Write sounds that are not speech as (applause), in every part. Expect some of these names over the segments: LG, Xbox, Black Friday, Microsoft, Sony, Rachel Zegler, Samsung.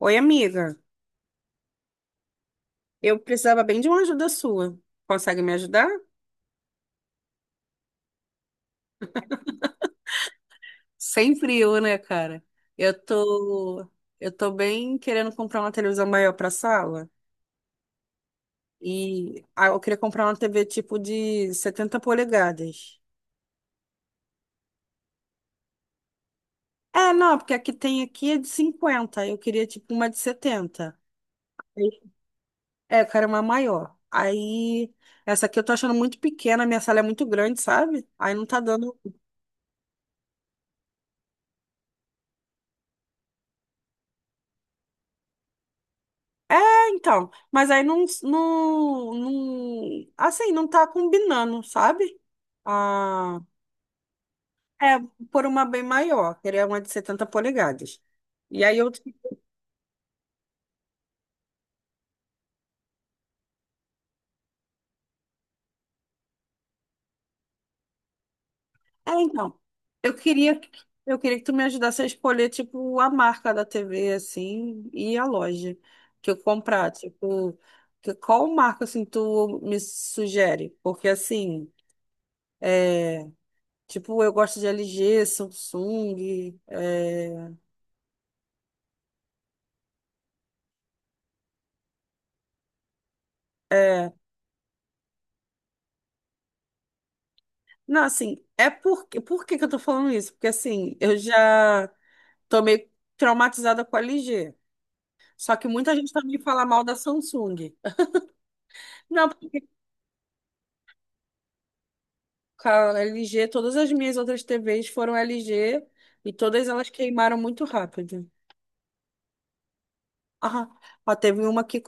Oi, amiga. Eu precisava bem de uma ajuda sua. Consegue me ajudar? Sempre eu, né, cara? Eu tô, eu tô bem querendo comprar uma televisão maior pra sala e eu queria comprar uma TV tipo de 70 polegadas. É, não, porque a que tem aqui é de 50. Eu queria tipo uma de 70. É, eu quero uma maior. Aí essa aqui eu tô achando muito pequena, minha sala é muito grande, sabe? Aí não tá dando. É, então, mas aí não, não, não, assim, não tá combinando, sabe? Ah, é, por uma bem maior, queria uma de 70 polegadas. E aí eu, é, então, eu queria, eu queria que tu me ajudasse a escolher, tipo, a marca da TV, assim, e a loja que eu comprar, tipo, qual marca, assim, tu me sugere? Porque, assim, é, tipo, eu gosto de LG, Samsung, é, não, assim, é porque. Por que que eu tô falando isso? Porque, assim, eu já tô meio traumatizada com a LG. Só que muita gente também fala mal da Samsung. (laughs) Não, porque com a LG, todas as minhas outras TVs foram LG e todas elas queimaram muito rápido. Ah, ó, teve uma que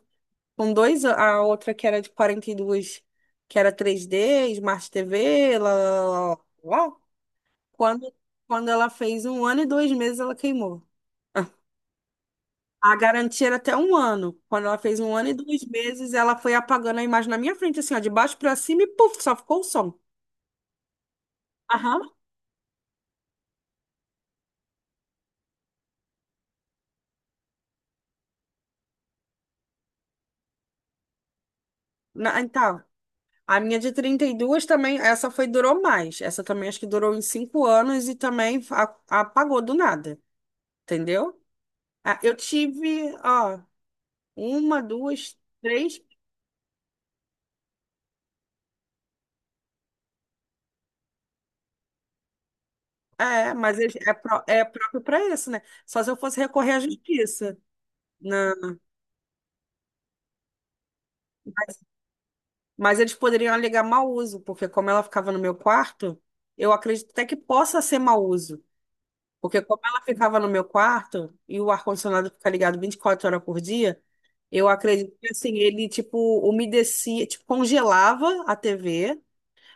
com dois, a outra que era de 42 que era 3D, Smart TV, lá, lá, lá, lá, lá. Quando, quando ela fez 1 ano e 2 meses, ela queimou. A garantia era até 1 ano. Quando ela fez um ano e dois meses, ela foi apagando a imagem na minha frente, assim, ó, de baixo pra cima e puf, só ficou o som. Aham. Então, a minha de 32 também, essa foi, durou mais. Essa também acho que durou uns 5 anos e também apagou do nada, entendeu? Ah, eu tive, ó, uma, duas, três. É, mas é próprio para isso, né? Só se eu fosse recorrer à justiça. Não. Mas eles poderiam alegar mau uso, porque como ela ficava no meu quarto, eu acredito até que possa ser mau uso. Porque como ela ficava no meu quarto e o ar-condicionado fica ligado 24 horas por dia, eu acredito que assim, ele tipo umedecia, tipo congelava a TV.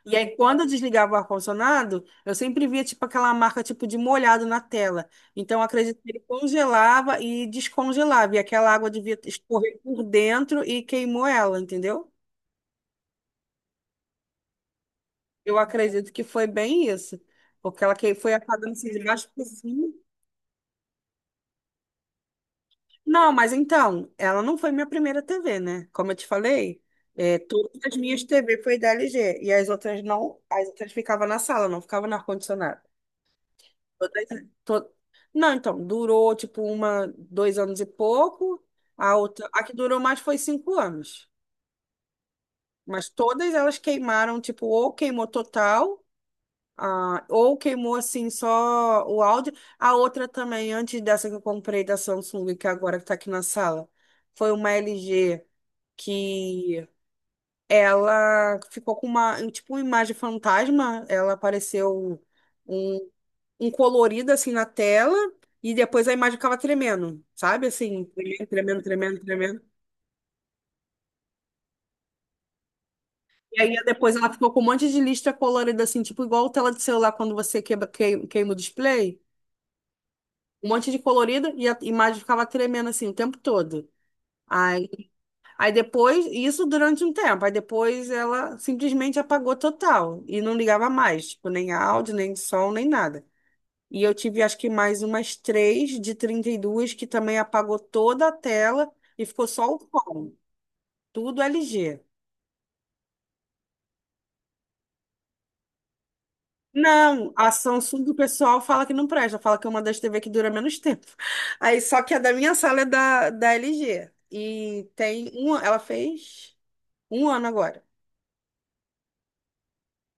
E aí quando eu desligava o ar-condicionado, eu sempre via tipo aquela marca tipo de molhado na tela. Então eu acredito que ele congelava e descongelava, e aquela água devia escorrer por dentro e queimou ela, entendeu? Eu acredito que foi bem isso, porque ela que foi apagando assim de baixo por cima. Não, mas então, ela não foi minha primeira TV, né? Como eu te falei, é, todas as minhas TV foi da LG e as outras não, as outras ficavam na sala, não ficavam no ar-condicionado. Todas- to- Não, então, durou tipo uma, 2 anos e pouco, a outra, a que durou mais foi 5 anos, mas todas elas queimaram, tipo, ou queimou total. Ah, ou queimou assim só o áudio. A outra também, antes dessa que eu comprei da Samsung, que agora que está aqui na sala, foi uma LG que ela ficou com uma, um, tipo, uma imagem fantasma. Ela apareceu um, um colorido assim na tela e depois a imagem ficava tremendo, sabe? Assim, tremendo, tremendo, tremendo, tremendo. E aí depois ela ficou com um monte de lista colorida assim, tipo igual tela de celular quando você quebra, queima, queima o display. Um monte de colorida e a imagem ficava tremendo assim o tempo todo. Aí, aí depois, isso durante um tempo, aí depois ela simplesmente apagou total e não ligava mais, tipo, nem áudio, nem som, nem nada. E eu tive acho que mais umas três de 32 que também apagou toda a tela e ficou só o som, tudo LG. Não, a Samsung do pessoal fala que não presta, fala que é uma das TV que dura menos tempo. Aí só que a da minha sala é da LG. E tem uma, ela fez um ano agora.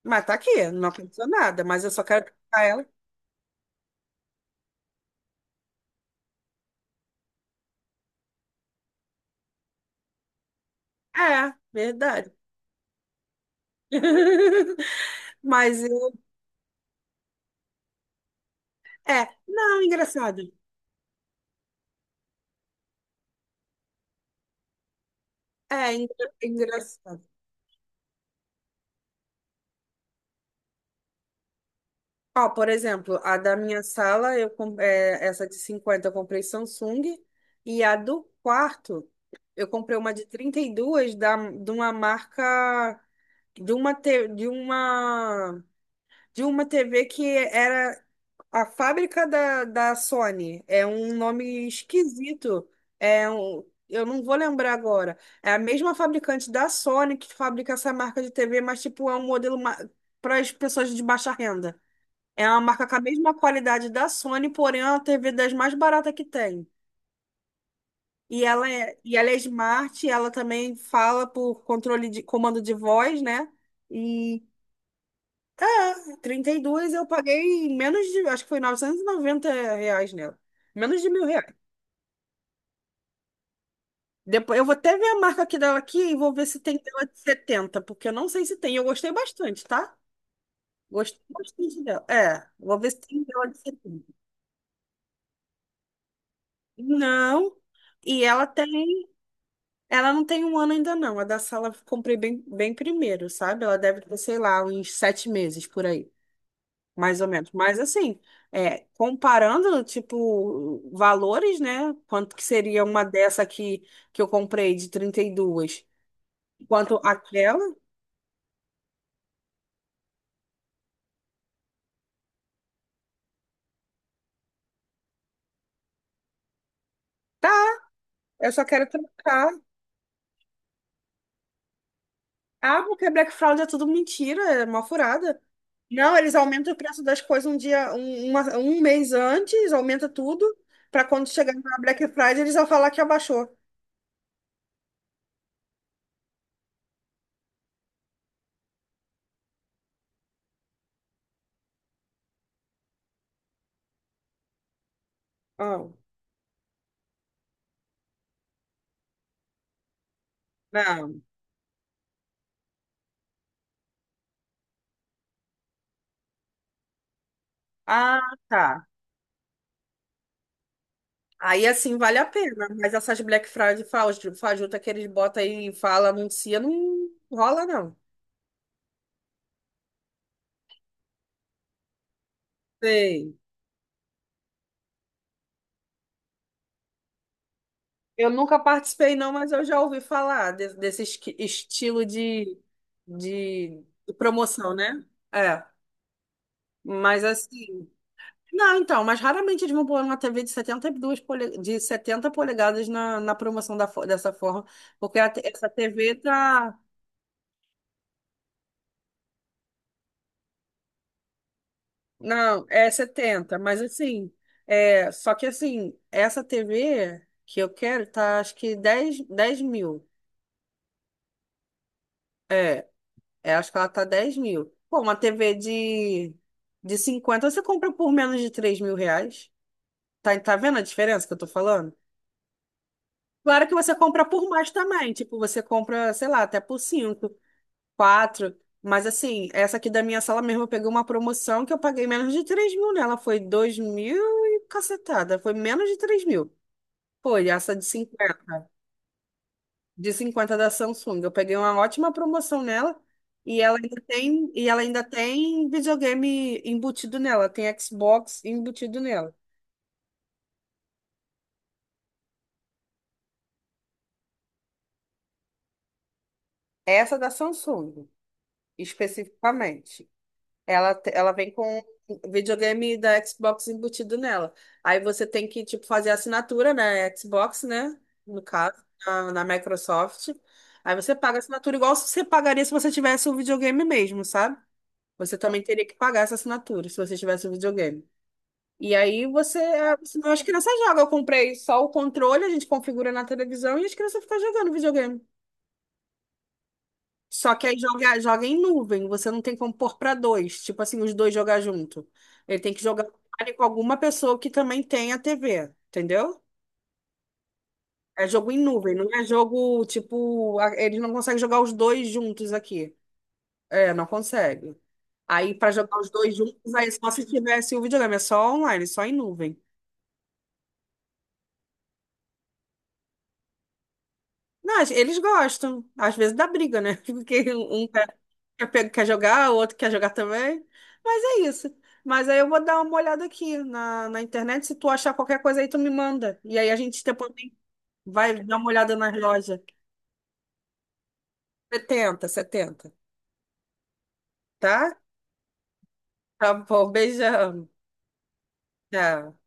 Mas tá aqui, não aconteceu nada, mas eu só quero trocar ela. É, verdade. (laughs) Mas eu. É, não, engraçado. É, engraçado. Ó, por exemplo, a da minha sala, é, essa de 50 eu comprei Samsung, e a do quarto, eu comprei uma de 32 da, de uma marca. De uma, de uma TV que era. A fábrica da Sony é um nome esquisito. É um, eu não vou lembrar agora. É a mesma fabricante da Sony que fabrica essa marca de TV, mas tipo é um modelo para as pessoas de baixa renda. É uma marca com a mesma qualidade da Sony, porém é uma TV das mais baratas que tem. E e ela é smart, ela também fala por controle de comando de voz, né? E 32 eu paguei menos de, acho que foi R$ 990 nela. Menos de R$ 1.000. Depois, eu vou até ver a marca aqui dela aqui e vou ver se tem dela de 70 porque eu não sei se tem. Eu gostei bastante, tá? Gostei bastante dela. É, vou ver se tem dela de setenta. Não. E ela tem, ela não tem um ano ainda não. A da sala eu comprei bem, bem primeiro, sabe? Ela deve ter, sei lá, uns 7 meses por aí. Mais ou menos. Mas assim, é, comparando, tipo, valores, né? Quanto que seria uma dessa aqui que eu comprei de 32? Quanto aquela? Tá, eu só quero trocar. Ah, porque Black Fraud é tudo mentira, é uma furada. Não, eles aumentam o preço das coisas um dia, um, um mês antes, aumenta tudo, para quando chegar na Black Friday eles vão falar que abaixou. Ah, não. Ah, tá. Aí assim vale a pena, mas essas Black Friday fajuta que eles botam aí e fala, anuncia, não rola não. Sei. Eu nunca participei não, mas eu já ouvi falar desse estilo de, de promoção, né? É, mas assim... Não, então, mas raramente eles vão pôr uma TV de 72 de 70 polegadas na promoção da, dessa forma, porque essa TV tá. Não, é 70. Mas assim, é, só que assim, essa TV que eu quero tá acho que 10 mil. É, acho que ela tá 10 mil. Pô, uma TV de 50 você compra por menos de R$ 3.000. Tá, tá vendo a diferença que eu tô falando? Claro que você compra por mais também, tipo, você compra, sei lá, até por 5, quatro. Mas assim, essa aqui da minha sala mesmo, eu peguei uma promoção que eu paguei menos de 3.000 nela. Foi 2.000 e cacetada, foi menos de 3.000. Foi essa de 50, de 50 da Samsung. Eu peguei uma ótima promoção nela e ela ainda tem videogame embutido nela, tem Xbox embutido nela. Essa da Samsung, especificamente. Ela, ela vem com videogame da Xbox embutido nela. Aí você tem que, tipo, fazer assinatura na Xbox, né? No caso, na Microsoft. Aí você paga a assinatura igual você pagaria se você tivesse o videogame mesmo, sabe? Você também teria que pagar essa assinatura se você tivesse um videogame. E aí você, as crianças jogam. Eu comprei só o controle, a gente configura na televisão e as crianças ficam jogando videogame. Só que aí joga, joga em nuvem, você não tem como pôr para dois, tipo assim, os dois jogar junto. Ele tem que jogar com alguma pessoa que também tenha TV, entendeu? É jogo em nuvem, não é jogo tipo, eles não conseguem jogar os dois juntos aqui. É, não consegue. Aí, para jogar os dois juntos, aí é só se tivesse o videogame, é só online, só em nuvem. Não, eles gostam. Às vezes dá briga, né? (laughs) Porque um quer, quer jogar, o outro quer jogar também. Mas é isso. Mas aí eu vou dar uma olhada aqui na internet. Se tu achar qualquer coisa aí, tu me manda. E aí a gente depois vai dar uma olhada nas lojas. 70, 70, tá? Tá bom, beijão. Tchau.